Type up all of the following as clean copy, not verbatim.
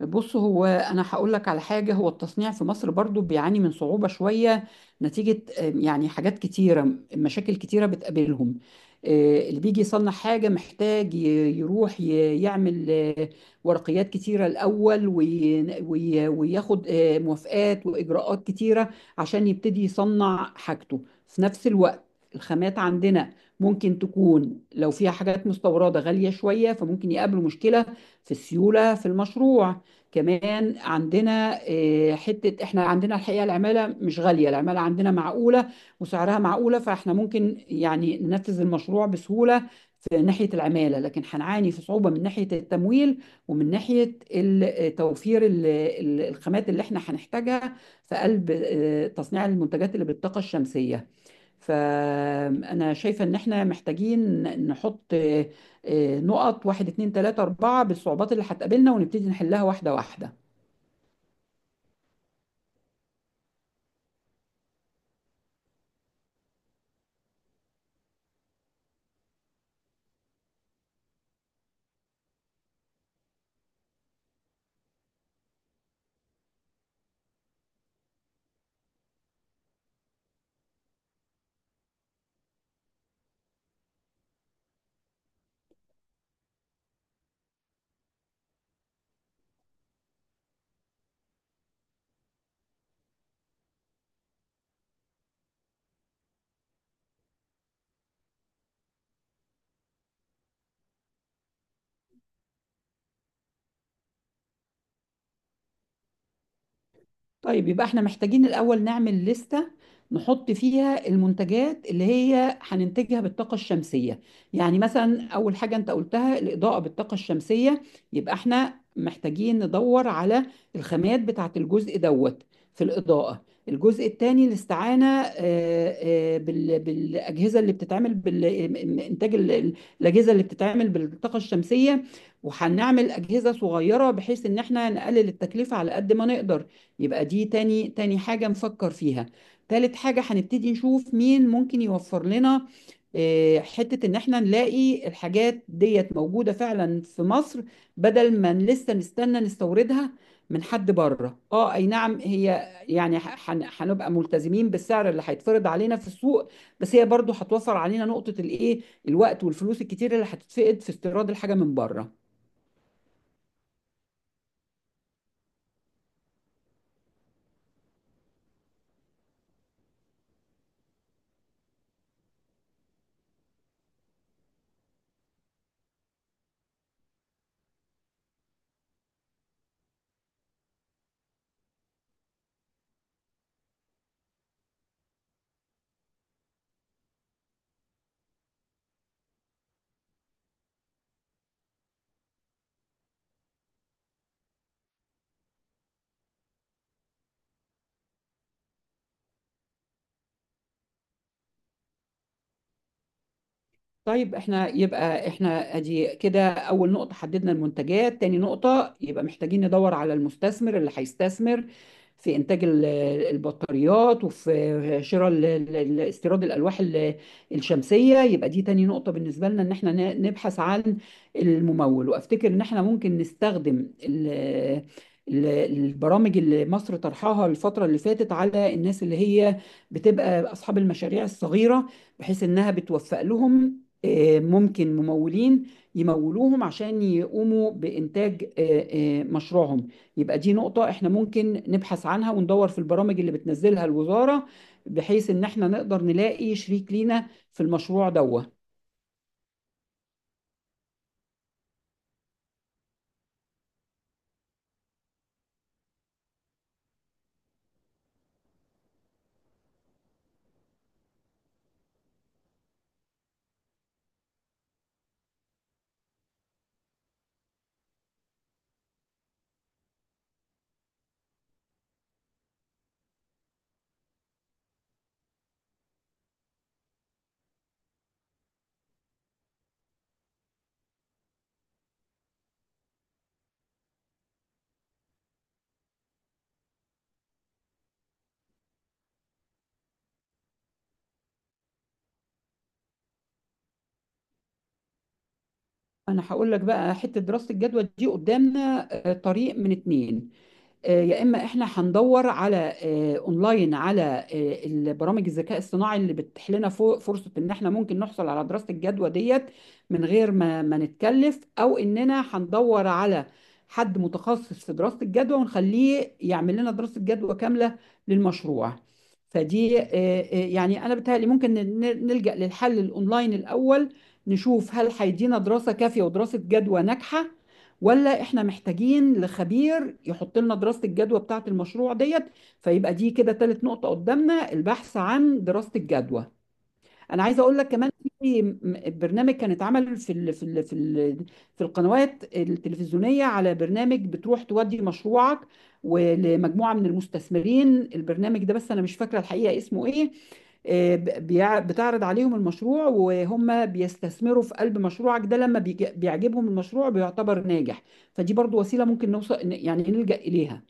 بص هو انا هقول لك على حاجه، هو التصنيع في مصر برضو بيعاني من صعوبه شويه، نتيجه يعني حاجات كتيره، مشاكل كتيره بتقابلهم. اللي بيجي يصنع حاجه محتاج يروح يعمل ورقيات كتيره الاول وياخد موافقات واجراءات كتيره عشان يبتدي يصنع حاجته. في نفس الوقت الخامات عندنا ممكن تكون لو فيها حاجات مستورده غاليه شويه، فممكن يقابله مشكله في السيوله في المشروع. كمان عندنا حتة احنا عندنا الحقيقة العمالة مش غالية، العمالة عندنا معقولة وسعرها معقولة، فاحنا ممكن يعني ننفذ المشروع بسهولة في ناحية العمالة، لكن هنعاني في صعوبة من ناحية التمويل، ومن ناحية توفير الخامات اللي احنا هنحتاجها في قلب تصنيع المنتجات اللي بالطاقة الشمسية. فأنا شايفة إن إحنا محتاجين نحط نقط واحد اتنين تلاتة أربعة بالصعوبات اللي هتقابلنا، ونبتدي نحلها واحدة واحدة. طيب يبقى احنا محتاجين الأول نعمل لستة نحط فيها المنتجات اللي هي هننتجها بالطاقة الشمسية. يعني مثلا أول حاجة أنت قلتها الإضاءة بالطاقة الشمسية، يبقى احنا محتاجين ندور على الخامات بتاعة الجزء دوت في الإضاءة. الجزء الثاني الاستعانة بالأجهزة اللي بتتعمل بالإنتاج، الأجهزة اللي بتتعمل بالطاقة الشمسية، وهنعمل أجهزة صغيرة بحيث إن احنا نقلل التكلفة على قد ما نقدر. يبقى دي تاني حاجة نفكر فيها. تالت حاجة هنبتدي نشوف مين ممكن يوفر لنا حتة إن إحنا نلاقي الحاجات ديت موجودة فعلا في مصر، بدل ما لسه نستنى نستوردها من حد بره. اه، اي نعم، هي يعني هنبقى ملتزمين بالسعر اللي هيتفرض علينا في السوق، بس هي برضو هتوفر علينا نقطة الايه، الوقت والفلوس الكتير اللي هتتفقد في استيراد الحاجة من بره. طيب احنا ادي كده اول نقطة حددنا المنتجات، تاني نقطة يبقى محتاجين ندور على المستثمر اللي هيستثمر في انتاج البطاريات، وفي شراء استيراد الالواح الشمسية. يبقى دي تاني نقطة بالنسبة لنا، ان احنا نبحث عن الممول. وافتكر ان احنا ممكن نستخدم البرامج اللي مصر طرحها الفترة اللي فاتت على الناس اللي هي بتبقى أصحاب المشاريع الصغيرة، بحيث إنها بتوفق لهم ممكن ممولين يمولوهم عشان يقوموا بإنتاج مشروعهم. يبقى دي نقطة احنا ممكن نبحث عنها وندور في البرامج اللي بتنزلها الوزارة، بحيث ان احنا نقدر نلاقي شريك لينا في المشروع دوت. انا هقول لك بقى حتة دراسة الجدوى دي، قدامنا طريق من اتنين، يا اما احنا هندور على اونلاين على البرامج الذكاء الصناعي اللي بتتيح لنا فرصه ان احنا ممكن نحصل على دراسه الجدوى ديت من غير ما نتكلف، او اننا هندور على حد متخصص في دراسه الجدوى ونخليه يعمل لنا دراسه جدوى كامله للمشروع. فدي يعني انا بتهيألي ممكن نلجأ للحل الاونلاين الاول، نشوف هل هيدينا دراسه كافيه ودراسه جدوى ناجحه، ولا احنا محتاجين لخبير يحط لنا دراسة الجدوى بتاعة المشروع ديت. فيبقى دي كده تالت نقطة قدامنا، البحث عن دراسة الجدوى. انا عايزه اقول لك كمان في برنامج كان اتعمل في القنوات التلفزيونيه، على برنامج بتروح تودي مشروعك ولمجموعه من المستثمرين. البرنامج ده بس انا مش فاكره الحقيقه اسمه ايه، بتعرض عليهم المشروع وهم بيستثمروا في قلب مشروعك ده، لما بيعجبهم المشروع بيعتبر ناجح. فدي برضو وسيله ممكن نوصل يعني نلجأ اليها.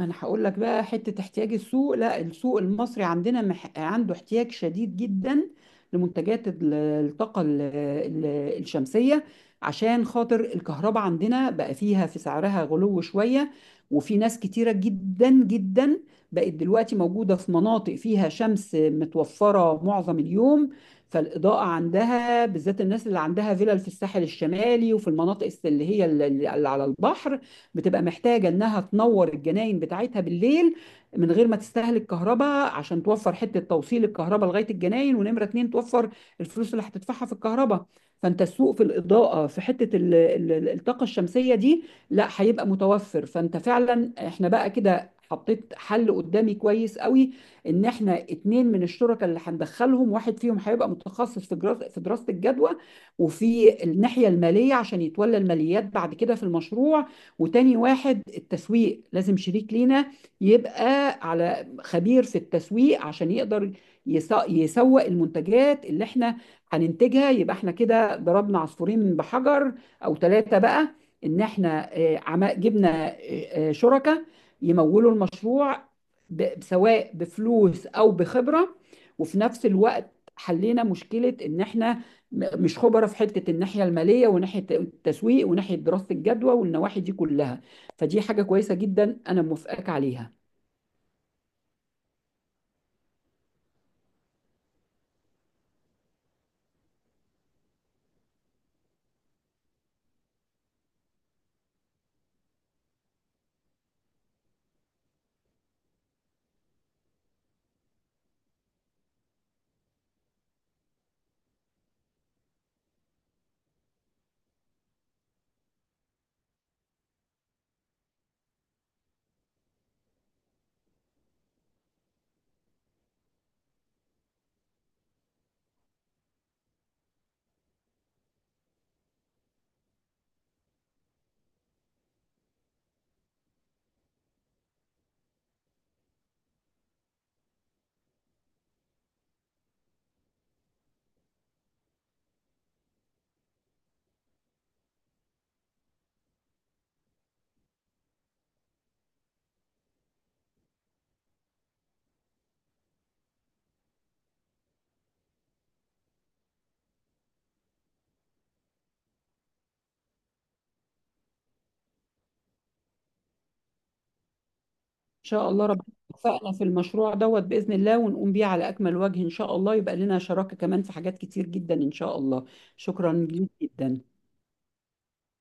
انا هقول لك بقى حته احتياج السوق، لا السوق المصري عندنا عنده احتياج شديد جدا لمنتجات الطاقه الشمسيه، عشان خاطر الكهرباء عندنا بقى فيها في سعرها غلو شويه. وفي ناس كتيره جدا جدا بقت دلوقتي موجوده في مناطق فيها شمس متوفره معظم اليوم، فالاضاءه عندها بالذات الناس اللي عندها فيلل في الساحل الشمالي وفي المناطق اللي على البحر، بتبقى محتاجة إنها تنور الجناين بتاعتها بالليل من غير ما تستهلك كهرباء، عشان توفر حتة توصيل الكهرباء لغاية الجناين، ونمرة اتنين توفر الفلوس اللي هتدفعها في الكهرباء. فأنت السوق في الإضاءة في حتة الطاقة الشمسية دي لا هيبقى متوفر. فأنت فعلا إحنا بقى كده حطيت حل قدامي كويس قوي، ان احنا اتنين من الشركاء اللي هندخلهم، واحد فيهم هيبقى متخصص في في دراسة الجدوى وفي الناحية المالية عشان يتولى الماليات بعد كده في المشروع، وتاني واحد التسويق، لازم شريك لينا يبقى على خبير في التسويق عشان يقدر يسوق المنتجات اللي احنا هننتجها. يبقى احنا كده ضربنا عصفورين بحجر او ثلاثة بقى، ان احنا جبنا شركاء يمولوا المشروع، سواء بفلوس او بخبرة، وفي نفس الوقت حلينا مشكلة ان احنا مش خبره في حته الناحيه الماليه وناحيه التسويق وناحيه دراسه الجدوى والنواحي دي كلها. فدي حاجه كويسه جدا انا موافقاك عليها. ان شاء الله ربنا يوفقنا في المشروع دوت باذن الله، ونقوم بيه على اكمل وجه ان شاء الله، يبقى لنا شراكه كمان في حاجات كتير جدا ان شاء الله. شكرا ليك جدا.